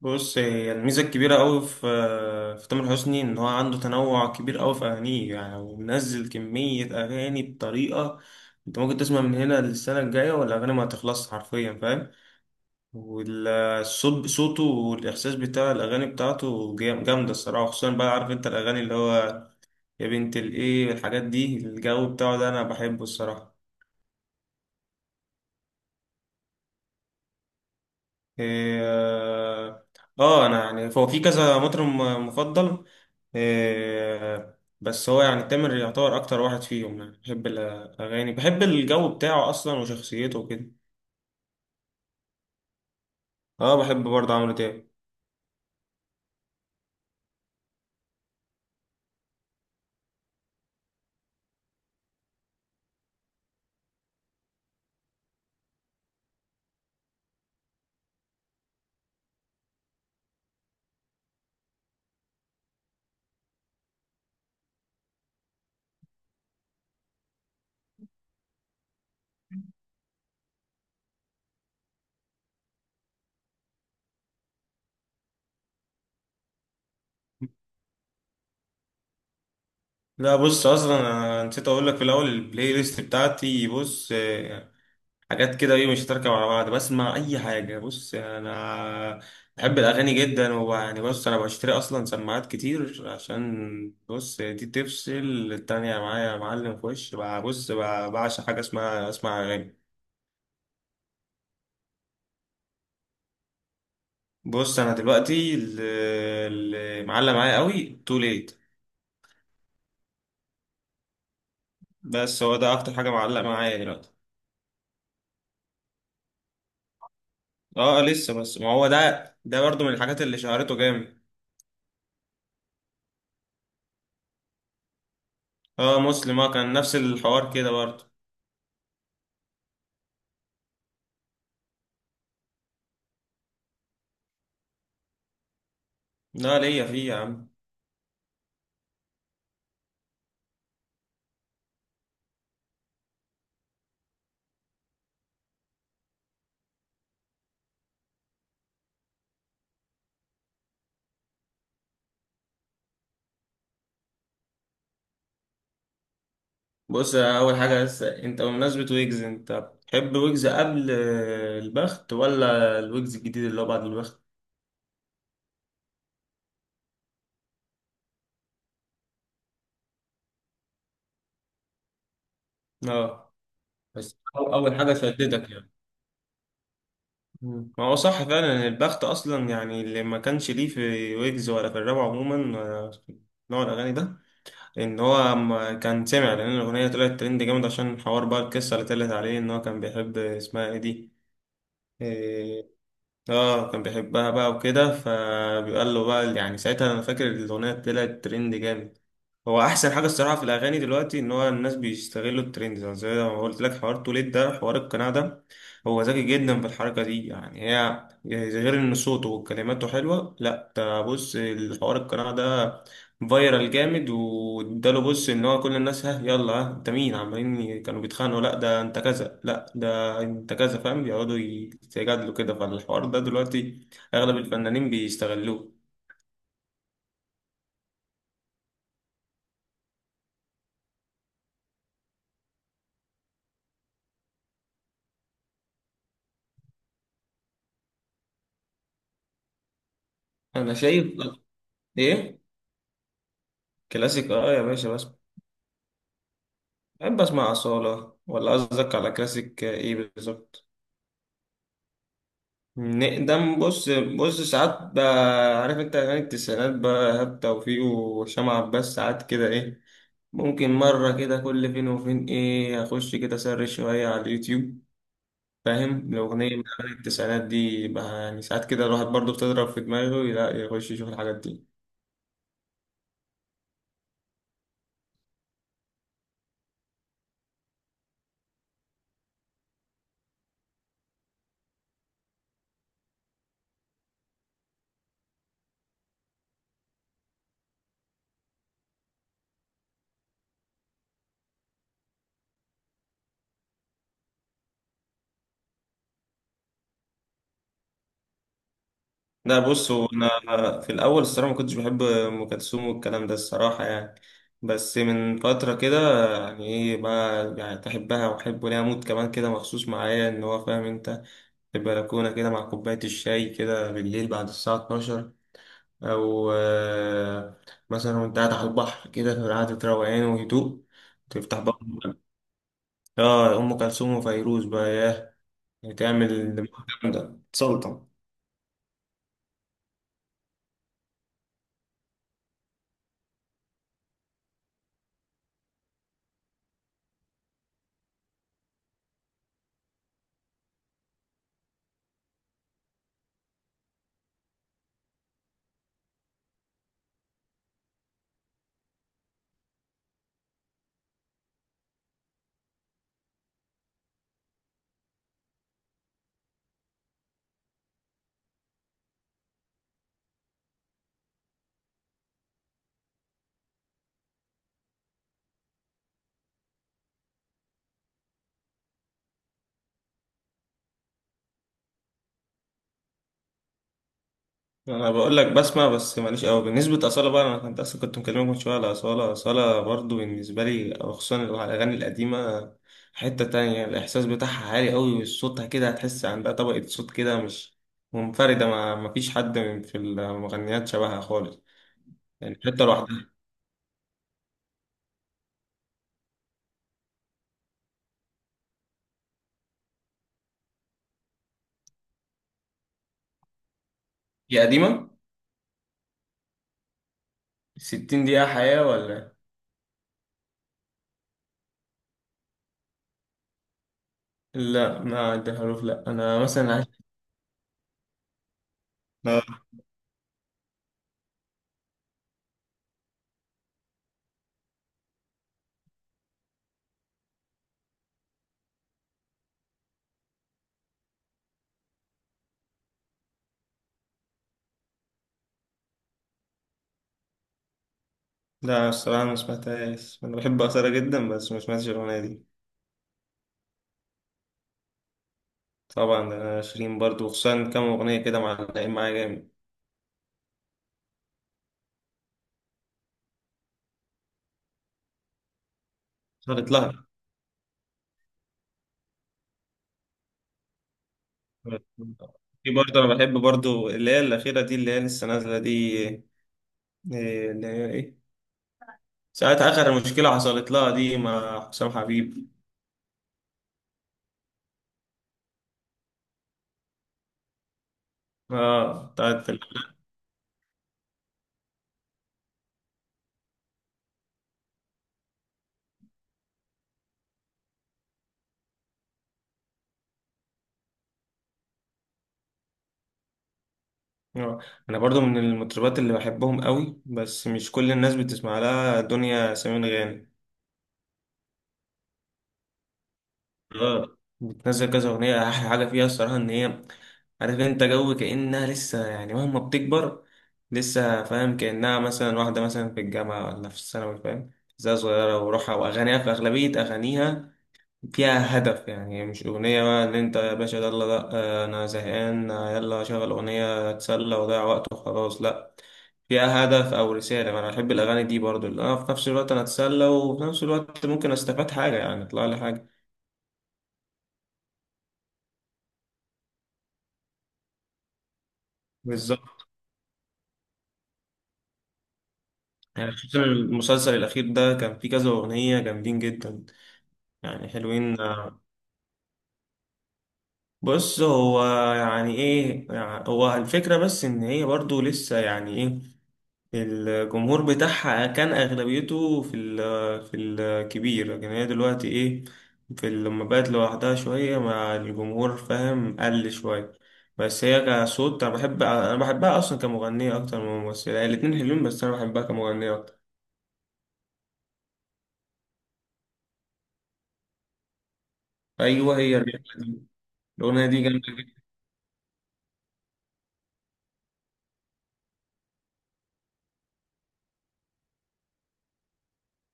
بص هي الميزة الكبيرة أوي في تامر حسني، إن هو عنده تنوع كبير أوي في أغانيه، يعني ومنزل كمية أغاني بطريقة. أنت ممكن تسمع من هنا للسنة الجاية والأغاني ما هتخلص حرفيا، فاهم؟ والصوت صوته، والإحساس بتاع الأغاني بتاعته جامدة الصراحة. خصوصا بقى عارف أنت الأغاني اللي هو، يا بنت الإيه، الحاجات دي، الجو بتاعه ده أنا بحبه الصراحة. إيه، اه. انا يعني هو في كذا مطرب مفضل. بس هو يعني تامر يعتبر اكتر واحد فيهم، يعني بحب الاغاني، بحب الجو بتاعه اصلا وشخصيته وكده. اه، بحب برضه عمرو دياب. لا بص، اصلا انا نسيت اقول لك في الاول، البلاي ليست بتاعتي بص حاجات كده، ايه مش تركب على بعض، بسمع اي حاجه. بص انا بحب الاغاني جدا، ويعني بص انا بشتري اصلا سماعات كتير، عشان بص دي تفصل التانية معايا يا معلم في وش بعشق حاجه اسمها اسمع اغاني. بص انا دلوقتي اللي معلق معايا قوي تو ليت. بس هو ده اكتر حاجه معلق معايا دلوقتي. اه لسه، بس ما هو ده برضو من الحاجات اللي شهرته جامد. اه مسلم، اه، كان نفس الحوار كده برضو. لا ليا فيه يا عم. بص، اول حاجه، بس انت بمناسبه ويجز، انت بتحب ويجز قبل البخت، ولا الويجز الجديد اللي هو بعد البخت؟ اه، بس اول حاجه شدتك يعني. ما هو صح، فعلا البخت اصلا يعني اللي ما كانش ليه في ويجز ولا في الراب عموما، في نوع الاغاني ده، ان هو ما كان سمع لان الاغنيه طلعت ترند جامد عشان حوار بقى، القصه اللي طلعت عليه ان هو كان بيحب اسمها ايه دي آه، اه كان بيحبها بقى وكده، فبيقال له بقى، يعني ساعتها انا فاكر الاغنيه طلعت ترند جامد. هو احسن حاجه الصراحه في الاغاني دلوقتي ان هو الناس بيستغلوا الترند، زي ما قلت لك حوار توليد ده، حوار القناع ده. هو ذكي جدا في الحركه دي، يعني هي يعني غير ان صوته وكلماته حلوه، لا ده بص الحوار القناع ده فايرال جامد، واداله بص ان هو كل الناس، ها يلا، ها انت مين، عمالين كانوا بيتخانقوا، لا ده انت كذا، لا ده انت كذا، فاهم، بيقعدوا يتجادلوا كده، فالحوار ده دلوقتي اغلب الفنانين بيستغلوه. انا شايف. ايه، كلاسيك اه يا باشا، بس بحب اسمع أصالة، ولا قصدك على كلاسيك ايه بالظبط؟ نقدم؟ بص ساعات بقى، عارف انت اغاني التسعينات بقى، إيهاب توفيق وهشام عباس، ساعات كده ايه، ممكن مرة كده كل فين وفين ايه، اخش كده اسرش شوية على اليوتيوب، فاهم؟ الأغنية من أغاني التسعينات دي بقى، يعني ساعات كده الواحد برضه بتضرب في دماغه، لا يخش يشوف الحاجات دي. لا بص، هو انا في الاول الصراحه ما كنتش بحب ام كلثوم والكلام ده الصراحه يعني، بس من فتره كده يعني ايه بقى، يعني تحبها، واحب ليها مود كمان كده مخصوص معايا ان هو، فاهم انت، في البلكونه كده مع كوبايه الشاي كده بالليل بعد الساعه 12، او مثلا وانت قاعد على البحر كده في قعده روقان وهدوء، تفتح بقى. اه، ام كلثوم وفيروز بقى ياه، بتعمل المحكم ده، تسلطن. انا بقول لك بسمع، بس ماليش قوي بالنسبه اصاله بقى، انا كنت اصلا كنت مكلمك من شويه على اصاله برضو، بالنسبه لي أو خصوصا الاغاني القديمه، حته تانية، الاحساس بتاعها عالي قوي، وصوتها كده هتحس عندها طبقه صوت كده مش منفرده، ما فيش حد من في المغنيات شبهها خالص، يعني حته لوحدها. هي قديمه، 60 دقيقه حياه ولا؟ لا، ما عندها حروف. لا، انا مثلا عايش، لا. لا، الصراحه ما سمعتهاش، انا بحب اصاله جدا بس ما سمعتش الاغنيه دي. طبعا، ده أنا شيرين برضو، وخصوصا كام أغنية كده معلقين معايا جامد. صارت لها. في برضه، أنا بحب برضو اللي هي الأخيرة دي، اللي هي لسه نازلة دي، إيه اللي هي إيه، ساعة آخر مشكلة حصلت لها دي مع حسام حبيب، آه بتاعت آه. أنا برضو من المطربات اللي بحبهم قوي، بس مش كل الناس بتسمع لها، دنيا سمير غانم. اه بتنزل كذا اغنيه، احلى حاجه فيها الصراحه ان هي، عارف انت، جو كانها لسه يعني مهما بتكبر لسه، فاهم، كانها مثلا واحده مثلا في الجامعه ولا في الثانوي، فاهم، زي صغيره وروحها، واغانيها في اغلبيه اغانيها فيها هدف، يعني مش اغنيه بقى اللي انت يا باشا، يلا لا آه، انا زهقان آه، يلا شغل اغنيه اتسلى وضيع وقت وخلاص. لا، فيها هدف او رساله، انا بحب الاغاني دي برضو، اللي انا في نفس الوقت انا اتسلى، وفي نفس الوقت ممكن استفاد حاجه، يعني اطلع لي حاجه. بالظبط. يعني خصوصا المسلسل الأخير ده كان فيه كذا أغنية جامدين جدا، يعني حلوين. بص هو، يعني إيه، يعني هو الفكرة بس إن هي برضو لسه يعني إيه، الجمهور بتاعها كان أغلبيته في الكبير، لكن هي دلوقتي إيه، في لما بقت لوحدها شوية مع الجمهور، فاهم، قل شوية، بس هي كصوت أنا بحبها أصلا كمغنية أكتر من ممثلة، الاتنين حلوين بس أنا بحبها كمغنية أكتر. أيوه، هي الرحلة دي، الأغنية دي جامدة.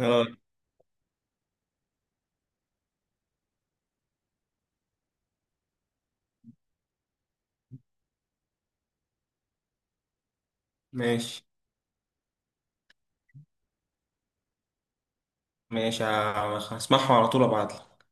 اه ماشي، ماشي، هسمعها على طول ابعتلك.